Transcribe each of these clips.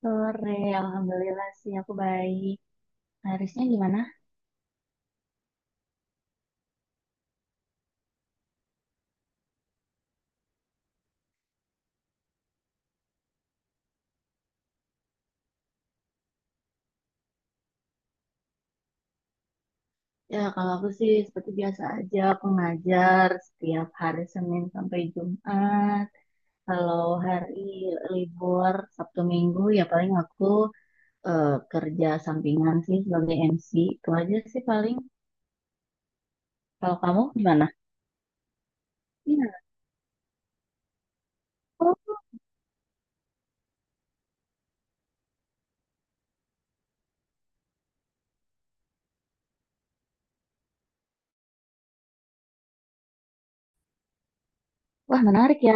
Sore, alhamdulillah sih aku baik. Harisnya gimana? Ya, kalau aku sih seperti biasa aja, aku ngajar setiap hari Senin sampai Jumat. Kalau hari libur Sabtu Minggu ya paling aku eh, kerja sampingan sih sebagai MC. Itu aja sih paling. Kalau kamu gimana? Iya. Oh, wah menarik ya.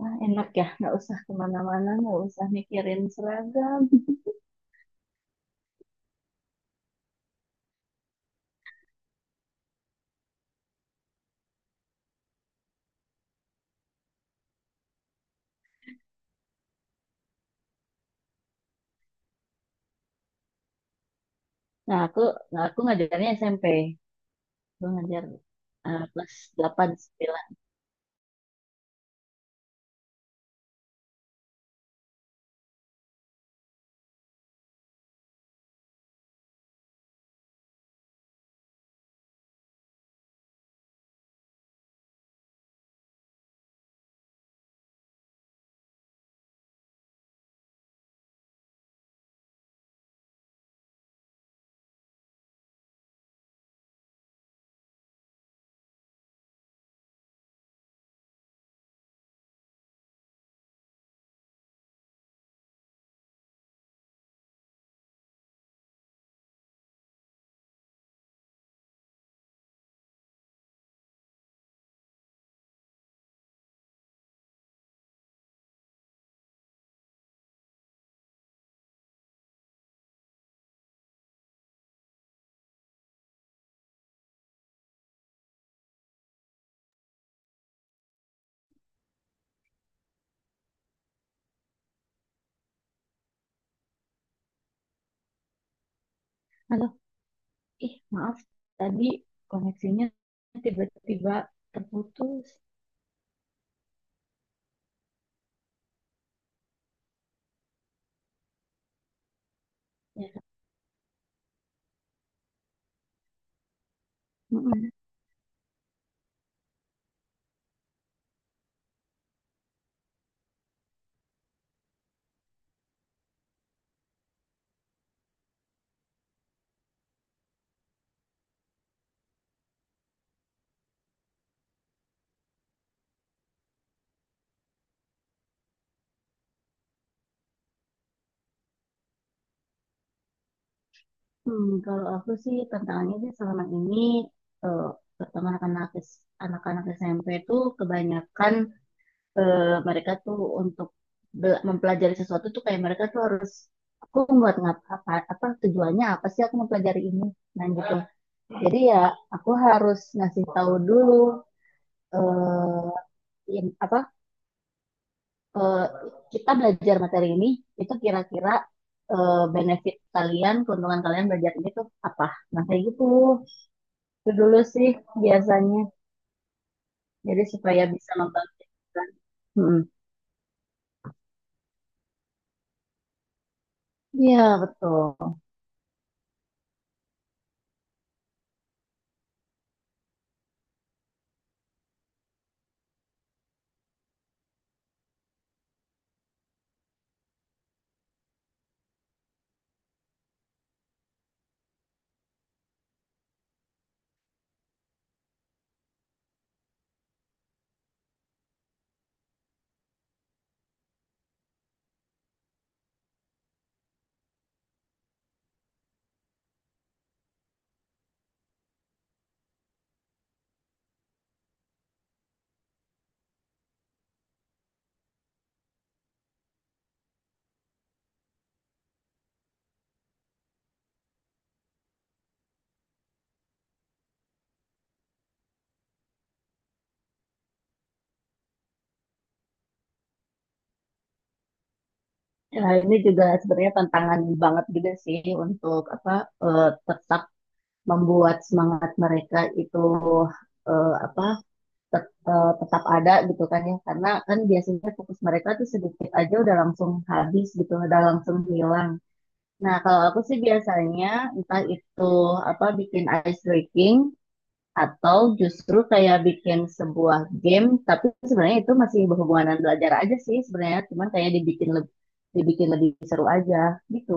Wah, enak ya, nggak usah kemana-mana, nggak usah mikirin seragam. Nah, aku, nah, aku ngajarnya SMP. Gue ngajar kelas 8, 9. Halo, ih maaf tadi koneksinya tiba-tiba terputus. Ya. Mm-mm. Hmm, kalau aku sih tantangannya sih selama ini eh, pertama anak-anak SMP itu kebanyakan eh, mereka tuh untuk mempelajari sesuatu tuh kayak mereka tuh harus aku buat ngap apa apa tujuannya apa sih aku mempelajari ini, nah gitu. Jadi ya aku harus ngasih tahu dulu, eh in- apa eh, kita belajar materi ini itu kira-kira benefit kalian, keuntungan kalian belajar ini tuh apa? Nah kayak gitu itu dulu sih biasanya. Jadi supaya bisa membantu. Hmm. Iya betul. Nah, ini juga sebenarnya tantangan banget juga sih untuk apa, eh, tetap membuat semangat mereka itu eh, apa tetap ada gitu kan ya, karena kan biasanya fokus mereka tuh sedikit aja udah langsung habis gitu, udah langsung hilang. Nah kalau aku sih biasanya entah itu apa bikin ice breaking atau justru kayak bikin sebuah game, tapi sebenarnya itu masih berhubungan dengan belajar aja sih sebenarnya, cuman kayak dibikin lebih, dibikin lebih seru aja gitu.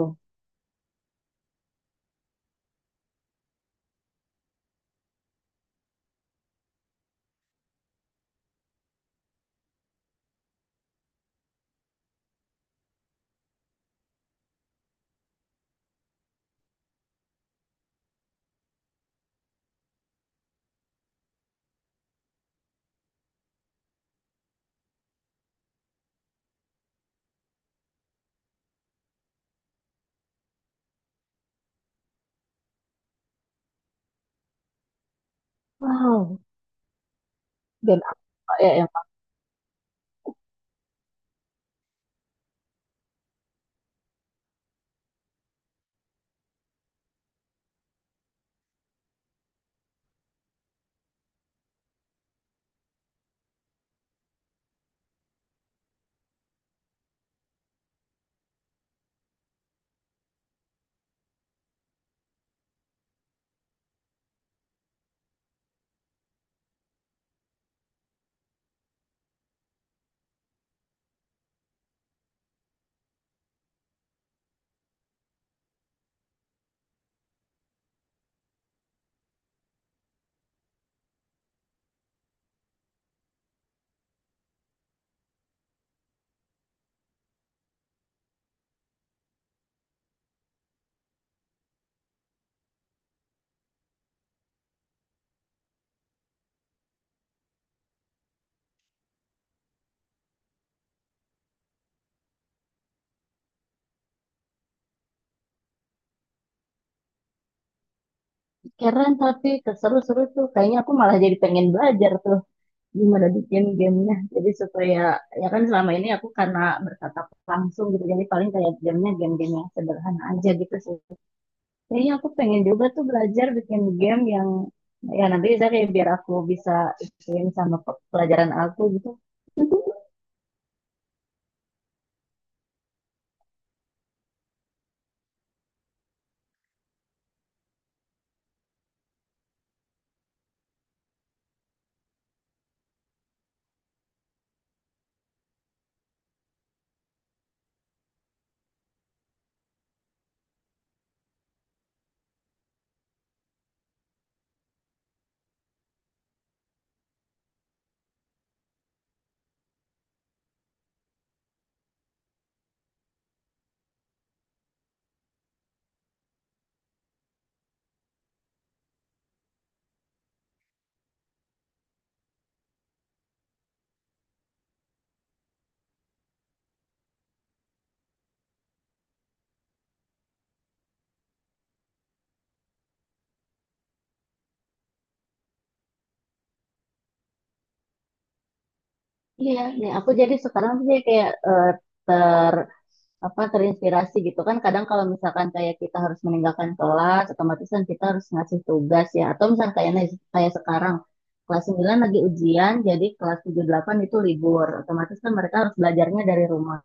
Wow, game apa ya yang keren tapi keseru seru tuh, kayaknya aku malah jadi pengen belajar tuh gimana bikin gamenya. Jadi supaya, ya kan selama ini aku karena bertatap langsung gitu jadi paling kayak gamenya game-game yang sederhana aja gitu sih. Kayaknya aku pengen juga tuh belajar bikin game yang, ya nanti bisa kayak biar aku bisa ikutin sama pelajaran aku gitu. Iya, nih aku jadi sekarang tuh jadi kayak ter terinspirasi gitu kan. Kadang kalau misalkan kayak kita harus meninggalkan kelas otomatis kan kita harus ngasih tugas, ya atau misalkan kayak, kayak sekarang kelas 9 lagi ujian jadi kelas tujuh delapan itu libur, otomatis kan mereka harus belajarnya dari rumah.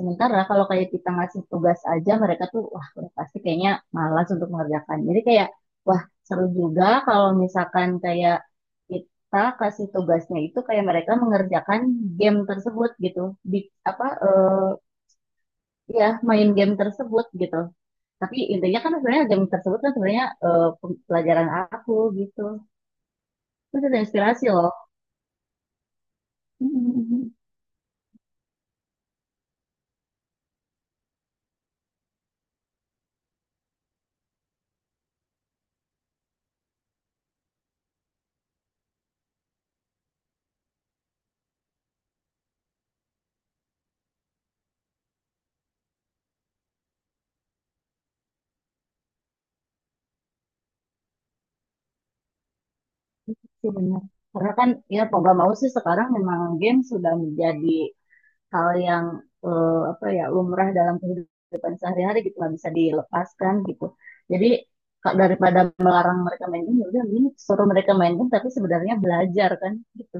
Sementara kalau kayak kita ngasih tugas aja mereka tuh wah udah pasti kayaknya malas untuk mengerjakan. Jadi kayak wah seru juga kalau misalkan kayak kita kasih tugasnya itu kayak mereka mengerjakan game tersebut gitu. Di apa eh, ya main game tersebut gitu. Tapi intinya kan sebenarnya game tersebut kan sebenarnya, pelajaran aku gitu. Itu ada inspirasi loh. Sih benar. Karena kan ya mau gak mau sih sekarang memang game sudah menjadi hal yang, apa ya, lumrah dalam kehidupan sehari-hari gitu, nggak bisa dilepaskan gitu. Jadi kak daripada melarang mereka main game ya udah ini suruh mereka main game tapi sebenarnya belajar kan gitu.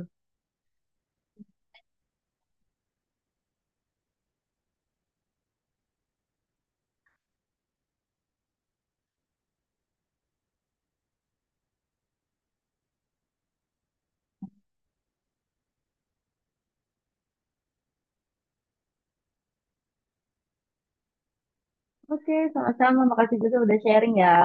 Oke, sama-sama, makasih juga udah sharing ya.